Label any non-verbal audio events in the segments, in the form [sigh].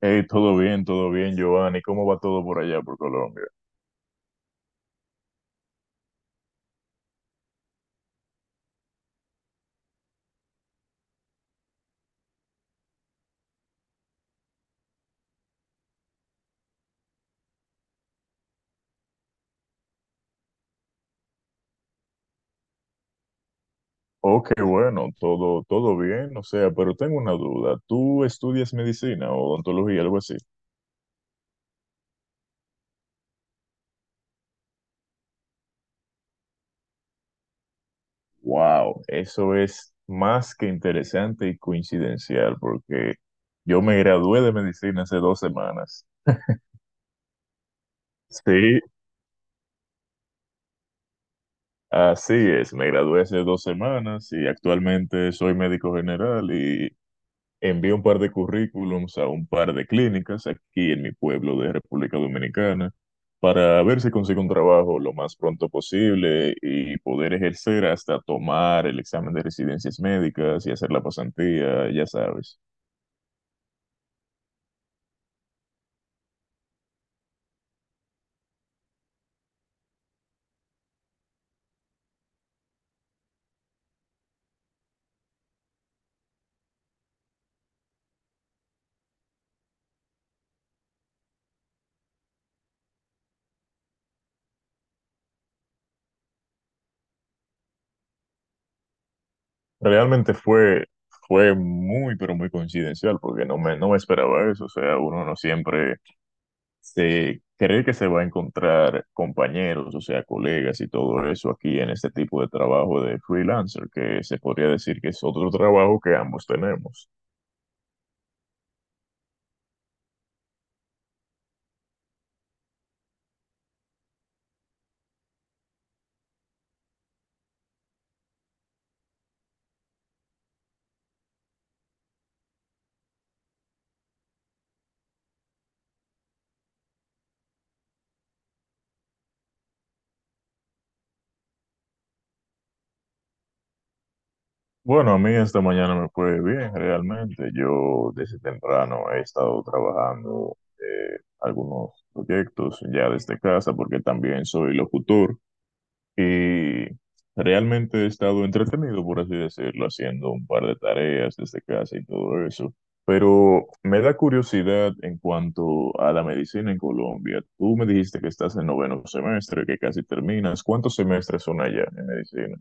Hey, todo bien, Giovanni. ¿Cómo va todo por allá, por Colombia? Oh, qué bueno, todo, todo bien. O sea, pero tengo una duda. ¿Tú estudias medicina o odontología, algo así? Wow, eso es más que interesante y coincidencial, porque yo me gradué de medicina hace 2 semanas. Sí, así es. Me gradué hace 2 semanas y actualmente soy médico general y envié un par de currículums a un par de clínicas aquí en mi pueblo de República Dominicana para ver si consigo un trabajo lo más pronto posible y poder ejercer hasta tomar el examen de residencias médicas y hacer la pasantía, ya sabes. Realmente fue muy, pero muy coincidencial porque no me esperaba eso. O sea, uno no siempre se cree que se va a encontrar compañeros, o sea, colegas y todo eso aquí en este tipo de trabajo de freelancer, que se podría decir que es otro trabajo que ambos tenemos. Bueno, a mí esta mañana me fue bien, realmente. Yo desde temprano he estado trabajando algunos proyectos ya desde casa, porque también soy locutor. Y realmente he estado entretenido, por así decirlo, haciendo un par de tareas desde casa y todo eso. Pero me da curiosidad en cuanto a la medicina en Colombia. Tú me dijiste que estás en noveno semestre, que casi terminas. ¿Cuántos semestres son allá en medicina?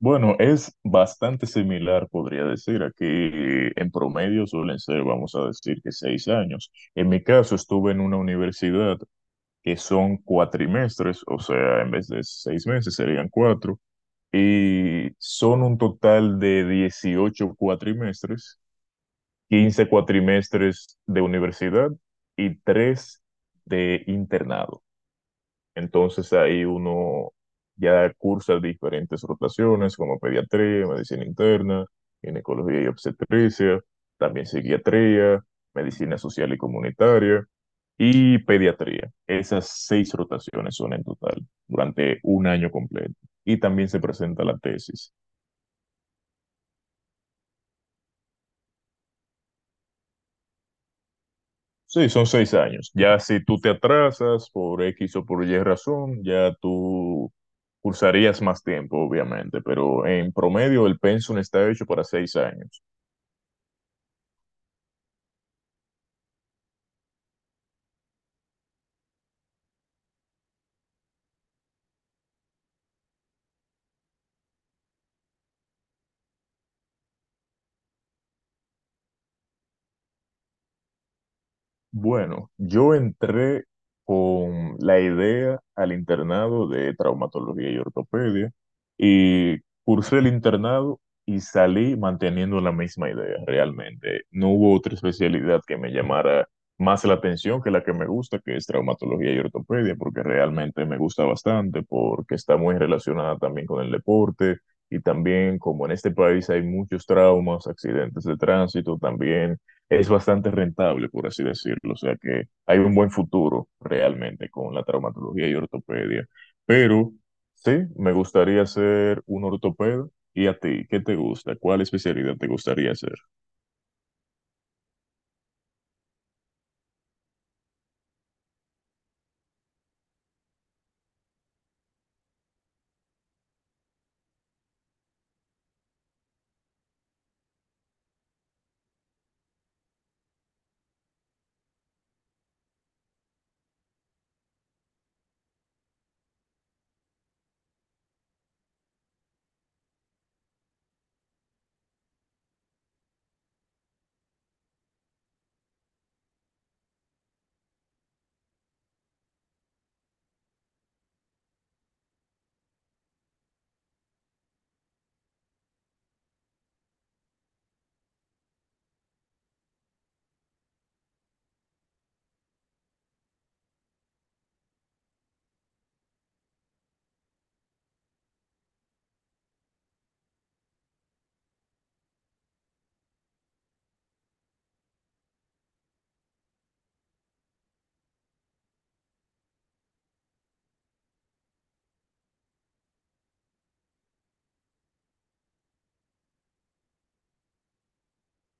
Bueno, es bastante similar, podría decir. Aquí en promedio suelen ser, vamos a decir, que 6 años. En mi caso, estuve en una universidad que son cuatrimestres, o sea, en vez de 6 meses serían cuatro, y son un total de 18 cuatrimestres, 15 cuatrimestres de universidad y tres de internado. Entonces ahí uno ya cursa diferentes rotaciones como pediatría, medicina interna, ginecología y obstetricia, también psiquiatría, medicina social y comunitaria y pediatría. Esas seis rotaciones son en total durante un año completo. Y también se presenta la tesis. Sí, son 6 años. Ya si tú te atrasas por X o por Y razón, ya tú cursarías más tiempo, obviamente, pero en promedio el pensum está hecho para 6 años. Bueno, yo entré con la idea al internado de traumatología y ortopedia y cursé el internado y salí manteniendo la misma idea realmente. No hubo otra especialidad que me llamara más la atención que la que me gusta, que es traumatología y ortopedia, porque realmente me gusta bastante, porque está muy relacionada también con el deporte y también como en este país hay muchos traumas, accidentes de tránsito, también es bastante rentable, por así decirlo. O sea que hay un buen futuro realmente con la traumatología y ortopedia. Pero sí, me gustaría ser un ortopeda. ¿Y a ti? ¿Qué te gusta? ¿Cuál especialidad te gustaría hacer?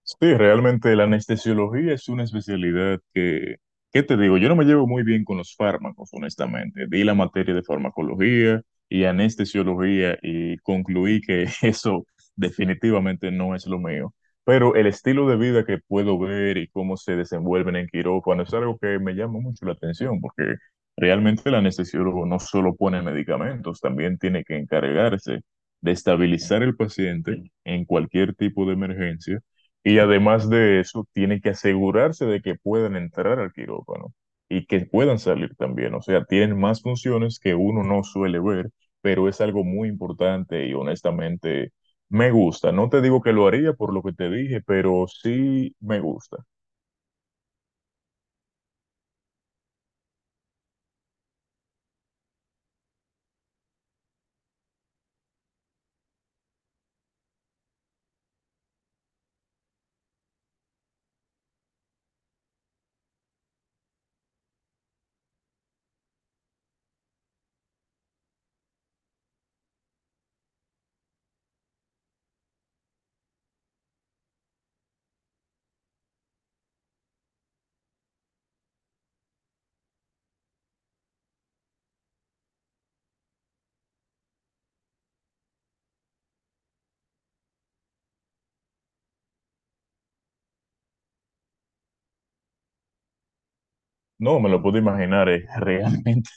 Sí, realmente la anestesiología es una especialidad que, ¿qué te digo? Yo no me llevo muy bien con los fármacos, honestamente. Di la materia de farmacología y anestesiología y concluí que [laughs] eso definitivamente no es lo mío. Pero el estilo de vida que puedo ver y cómo se desenvuelven en quirófano es algo que me llama mucho la atención, porque realmente el anestesiólogo no solo pone medicamentos, también tiene que encargarse de estabilizar el paciente en cualquier tipo de emergencia y además de eso, tiene que asegurarse de que puedan entrar al quirófano y que puedan salir también. O sea, tienen más funciones que uno no suele ver, pero es algo muy importante y honestamente me gusta. No te digo que lo haría por lo que te dije, pero sí me gusta. No me lo puedo imaginar, es [laughs] realmente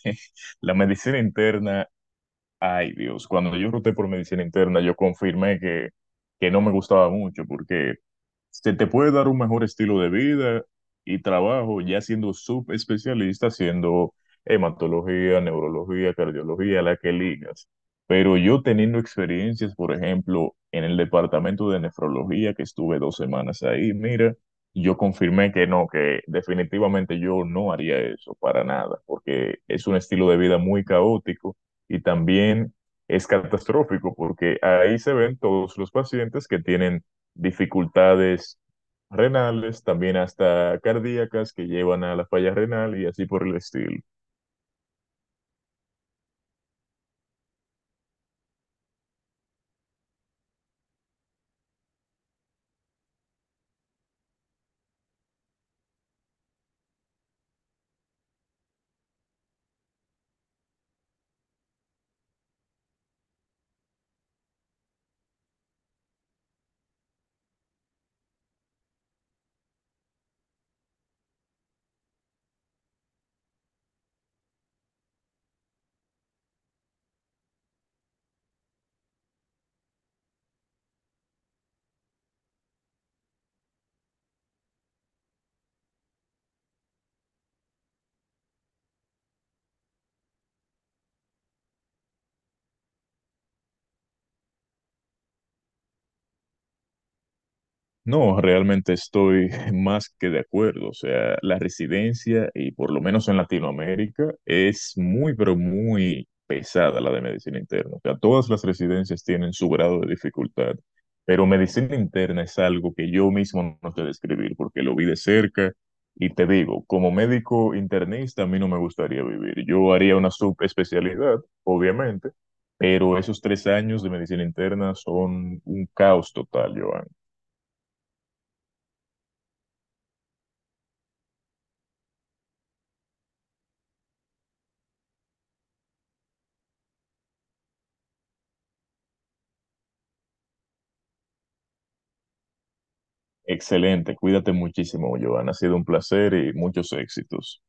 la medicina interna. Ay Dios, cuando yo roté por medicina interna, yo confirmé que no me gustaba mucho porque se te puede dar un mejor estilo de vida y trabajo ya siendo subespecialista, siendo hematología, neurología, cardiología, la que ligas. Pero yo teniendo experiencias, por ejemplo, en el departamento de nefrología, que estuve 2 semanas ahí, mira, yo confirmé que no, que definitivamente yo no haría eso para nada, porque es un estilo de vida muy caótico y también es catastrófico, porque ahí se ven todos los pacientes que tienen dificultades renales, también hasta cardíacas que llevan a la falla renal y así por el estilo. No, realmente estoy [laughs] más que de acuerdo. O sea, la residencia, y por lo menos en Latinoamérica, es muy, pero muy pesada la de medicina interna. O sea, todas las residencias tienen su grado de dificultad, pero medicina interna es algo que yo mismo no sé describir porque lo vi de cerca y te digo, como médico internista, a mí no me gustaría vivir. Yo haría una subespecialidad, obviamente, pero esos 3 años de medicina interna son un caos total, Joan. Excelente, cuídate muchísimo, Joan. Ha sido un placer y muchos éxitos.